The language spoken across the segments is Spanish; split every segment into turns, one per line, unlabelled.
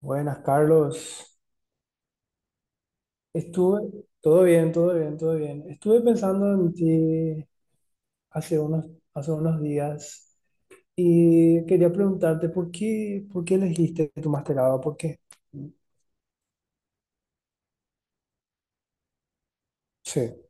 Buenas, Carlos. Todo bien, todo bien, todo bien. Estuve pensando en ti hace unos, hace unos días y quería preguntarte por qué elegiste tu masterado, ¿por qué? Sí.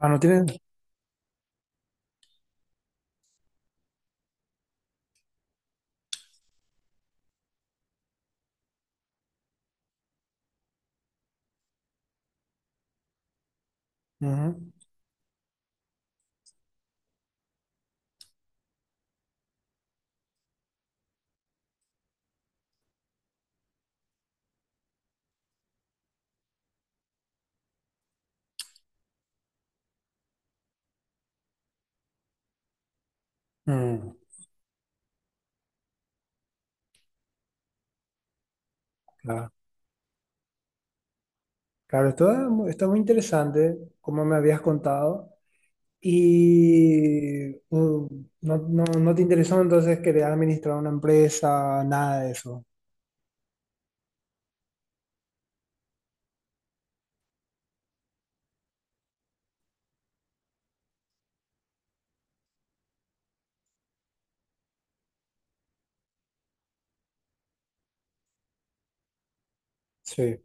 Ah, ¿no tienes? Ujú. Mm, claro. Claro, esto es está muy interesante, como me habías contado, y no, no, no te interesó entonces querer administrar una empresa, nada de eso. Sí.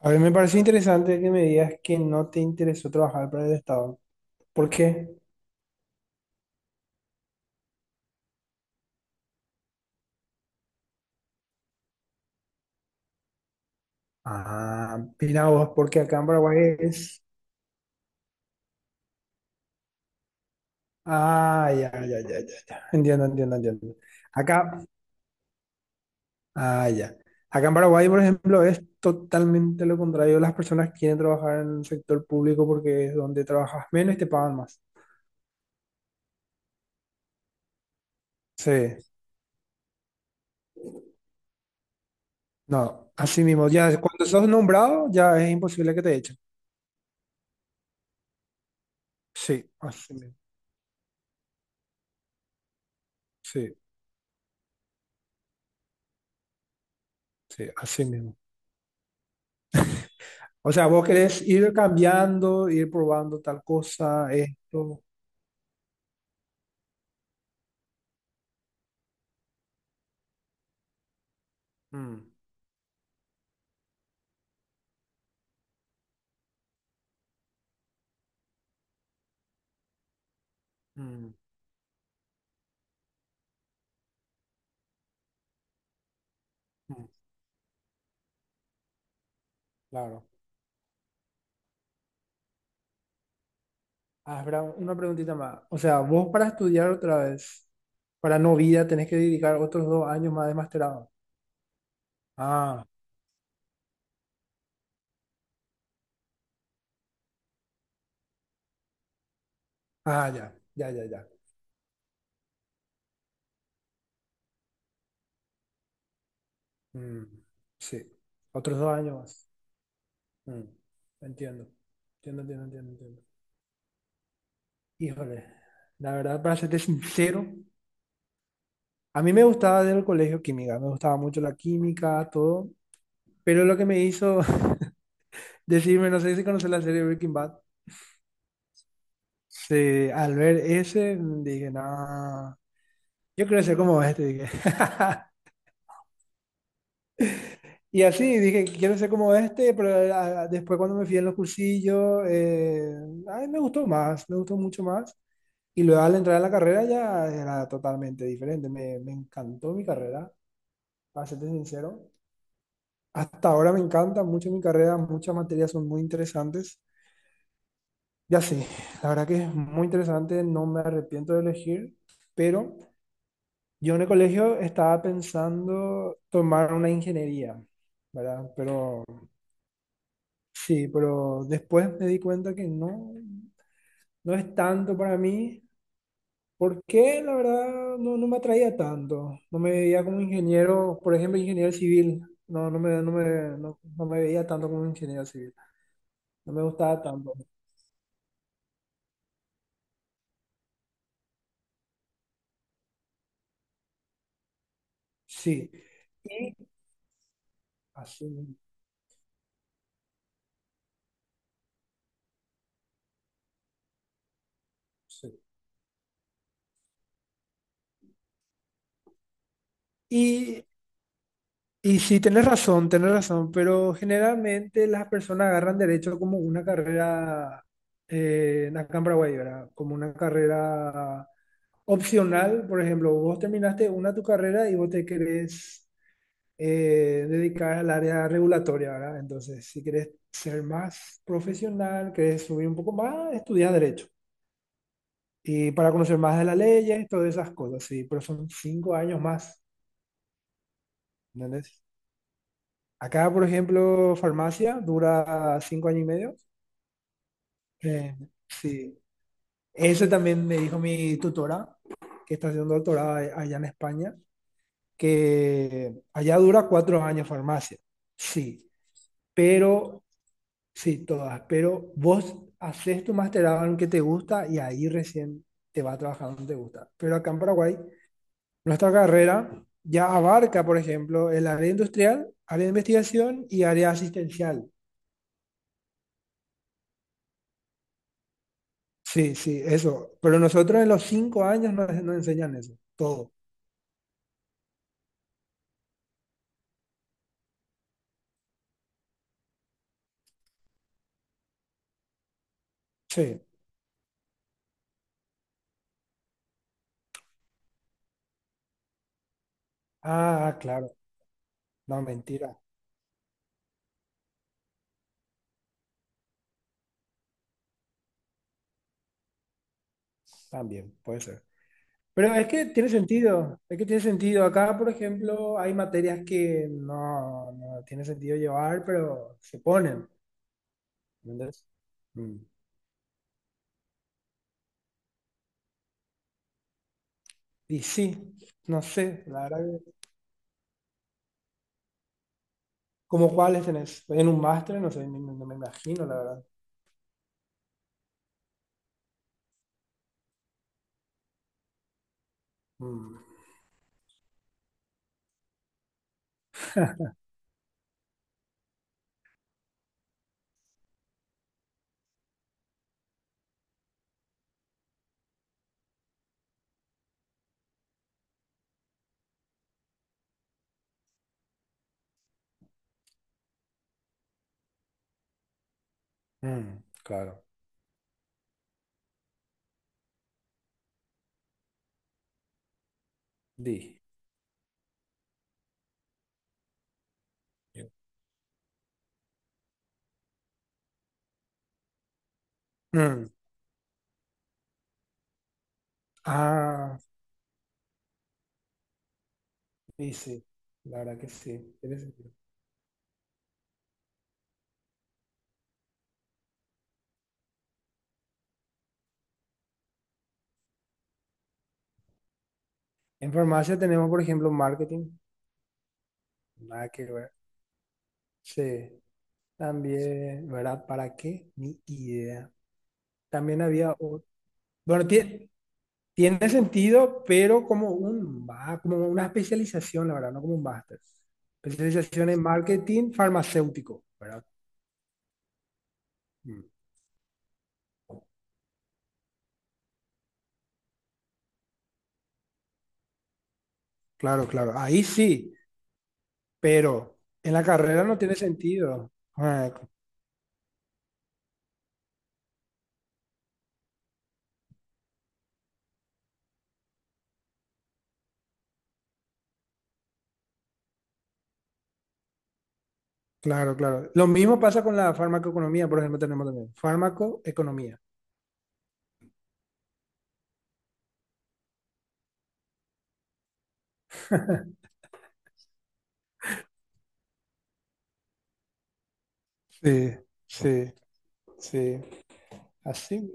A ver, me pareció interesante que me digas que no te interesó trabajar para el Estado. ¿Por qué? Ah, mira vos, porque acá en Paraguay es. Ah, ya, ya, ya, ya, ya. Entiendo, entiendo, entiendo. Acá, ah, ya. Acá en Paraguay, por ejemplo, es totalmente lo contrario. Las personas quieren trabajar en el sector público porque es donde trabajas menos y te pagan más. Sí, no, así mismo. Ya cuando sos nombrado, ya es imposible que te echen. Sí, así mismo. Sí, sí, así mismo. O sea, vos querés ir cambiando, ir probando tal cosa, esto. Mm, mm, mm, claro. Ah, espera, una preguntita más. O sea, vos para estudiar otra vez, para no vida, tenés que dedicar otros 2 años más de masterado. Ah, ah, ya, ya, ya, ya. Mm, sí, otros 2 años más. Mm, entiendo, entiendo, entiendo, entiendo, entiendo. Híjole, la verdad, para serte sincero, a mí me gustaba del colegio química, me gustaba mucho la química, todo. Pero lo que me hizo. Decime, no sé si conoces la serie Breaking Bad. Sí, al ver ese, dije, no, yo quiero ser como este, dije. Y así, dije, quiero ser como este, pero después cuando me fui en los cursillos, ay, me gustó mucho más. Y luego al entrar a la carrera ya era totalmente diferente, me encantó mi carrera, para serte sincero. Hasta ahora me encanta mucho mi carrera, muchas materias son muy interesantes. Ya sí, la verdad que es muy interesante, no me arrepiento de elegir, pero. Yo en el colegio estaba pensando tomar una ingeniería, ¿verdad? Sí, pero después me di cuenta que no, no es tanto para mí, porque la verdad no, no me atraía tanto. No me veía como ingeniero, por ejemplo, ingeniero civil. No, no, no me veía tanto como ingeniero civil. No me gustaba tanto. Sí. Y así mismo, sí. Y sí, tenés razón, pero generalmente las personas agarran derecho como una carrera acá en Paraguay, ¿verdad? Como una carrera opcional, por ejemplo, vos terminaste una tu carrera y vos te querés dedicar al área regulatoria, ¿verdad? Entonces, si querés ser más profesional, querés subir un poco más, estudiar derecho. Y para conocer más de las leyes, todas esas cosas, sí, pero son 5 años más, ¿entendés? Acá, por ejemplo, farmacia dura 5 años y medio. Eh, sí, eso también me dijo mi tutora, que está haciendo doctorado allá en España, que allá dura 4 años farmacia. Sí, pero, sí, todas, pero vos haces tu masterado en lo que te gusta y ahí recién te vas a trabajar donde te gusta. Pero acá en Paraguay, nuestra carrera ya abarca, por ejemplo, el área industrial, área de investigación y área asistencial. Sí, sí, eso. Pero nosotros en los 5 años nos enseñan eso, todo. Sí. Ah, claro. No, mentira. También puede ser. Pero es que tiene sentido. Es que tiene sentido. Acá, por ejemplo, hay materias que no, no tiene sentido llevar, pero se ponen. ¿Entendés? Mm. Y sí, no sé, la verdad que-. ¿Cómo cuáles tenés? En un máster, no sé, no, me imagino, la verdad. Mm. Mm, claro. Di. Mm. Ah. Sí, sí, la verdad que sí, tiene sentido. En farmacia tenemos, por ejemplo, marketing, nada que ver. Sí, también, ¿verdad? ¿Para qué? Ni idea. También había otro. Bueno, tiene, sentido, pero como una especialización, la verdad, no como un máster. Especialización en marketing farmacéutico, ¿verdad? Mm, claro, claro, ahí sí, pero en la carrera no tiene sentido. Ah, claro, claro. Lo mismo pasa con la farmacoeconomía, por ejemplo, tenemos también farmacoeconomía. Sí, sí, sí. Así,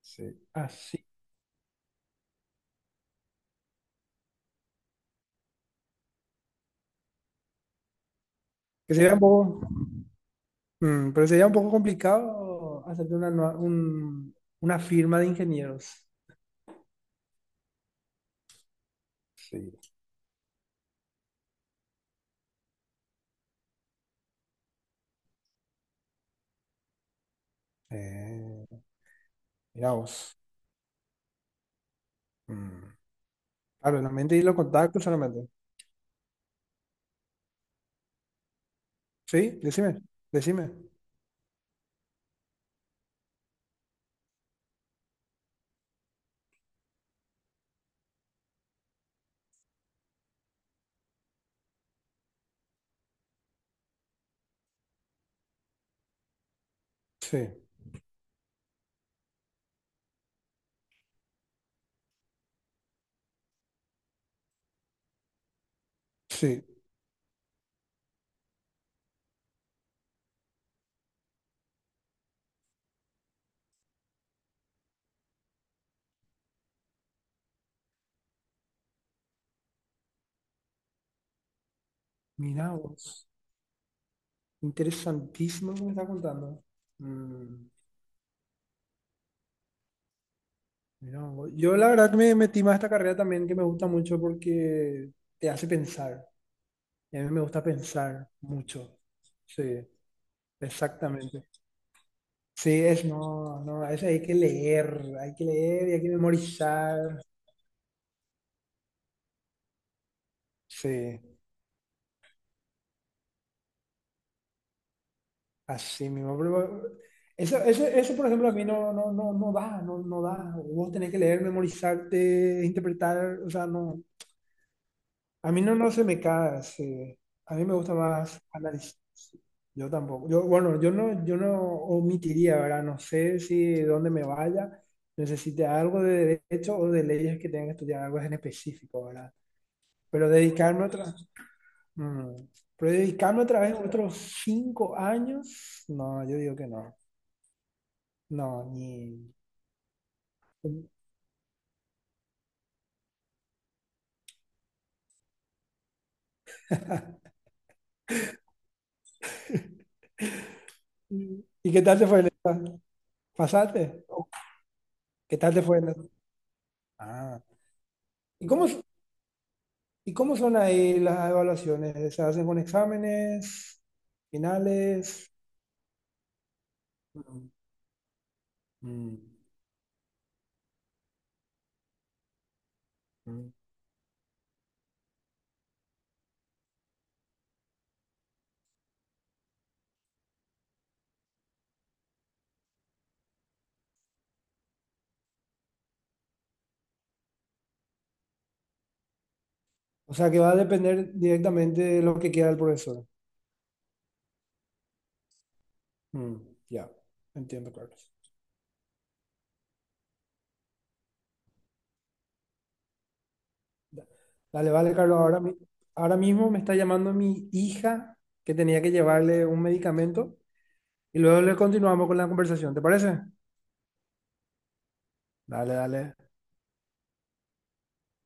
sí. Así. Que sería un poco, pero sería un poco complicado hacerte una firma de ingenieros. Sí. Eh, mira vos. Mm, claro, la mente y los contactos solamente. Sí, decime, decime. Sí, sí. Mira vos, interesantísimo lo que me está contando. Mm. Mira, vos. Yo la verdad que me metí más a esta carrera también que me gusta mucho porque te hace pensar. Y a mí me gusta pensar mucho. Sí, exactamente. Sí, es no, no, a veces hay que leer y hay que memorizar. Sí, así mismo. Eso, eso, eso, por ejemplo, a mí no, no, no, no da, no, no da. Vos tenés que leer, memorizarte, interpretar, o sea, no. A mí no, no se me cae, a mí me gusta más análisis. Yo tampoco. Yo, bueno, yo no omitiría, ¿verdad? No sé si de dónde me vaya, necesite algo de derecho o de leyes que tenga que estudiar algo en específico, ¿verdad? Pero dedicarme otra, mm, pero dedicarme otra vez otros 5 años, no, yo digo que no. No, ni. ¿Y qué tal te fue el examen? ¿Pasaste? ¿Qué tal te fue examen? Ah. ¿Y cómo, ¿Y cómo son ahí las evaluaciones? ¿Se hacen con exámenes, finales? Mm, mm, mm. O sea que va a depender directamente de lo que quiera el profesor. Mm, ya, entiendo, Carlos. Dale, vale, Carlos. Ahora mismo me está llamando mi hija que tenía que llevarle un medicamento y luego le continuamos con la conversación. ¿Te parece? Dale, dale.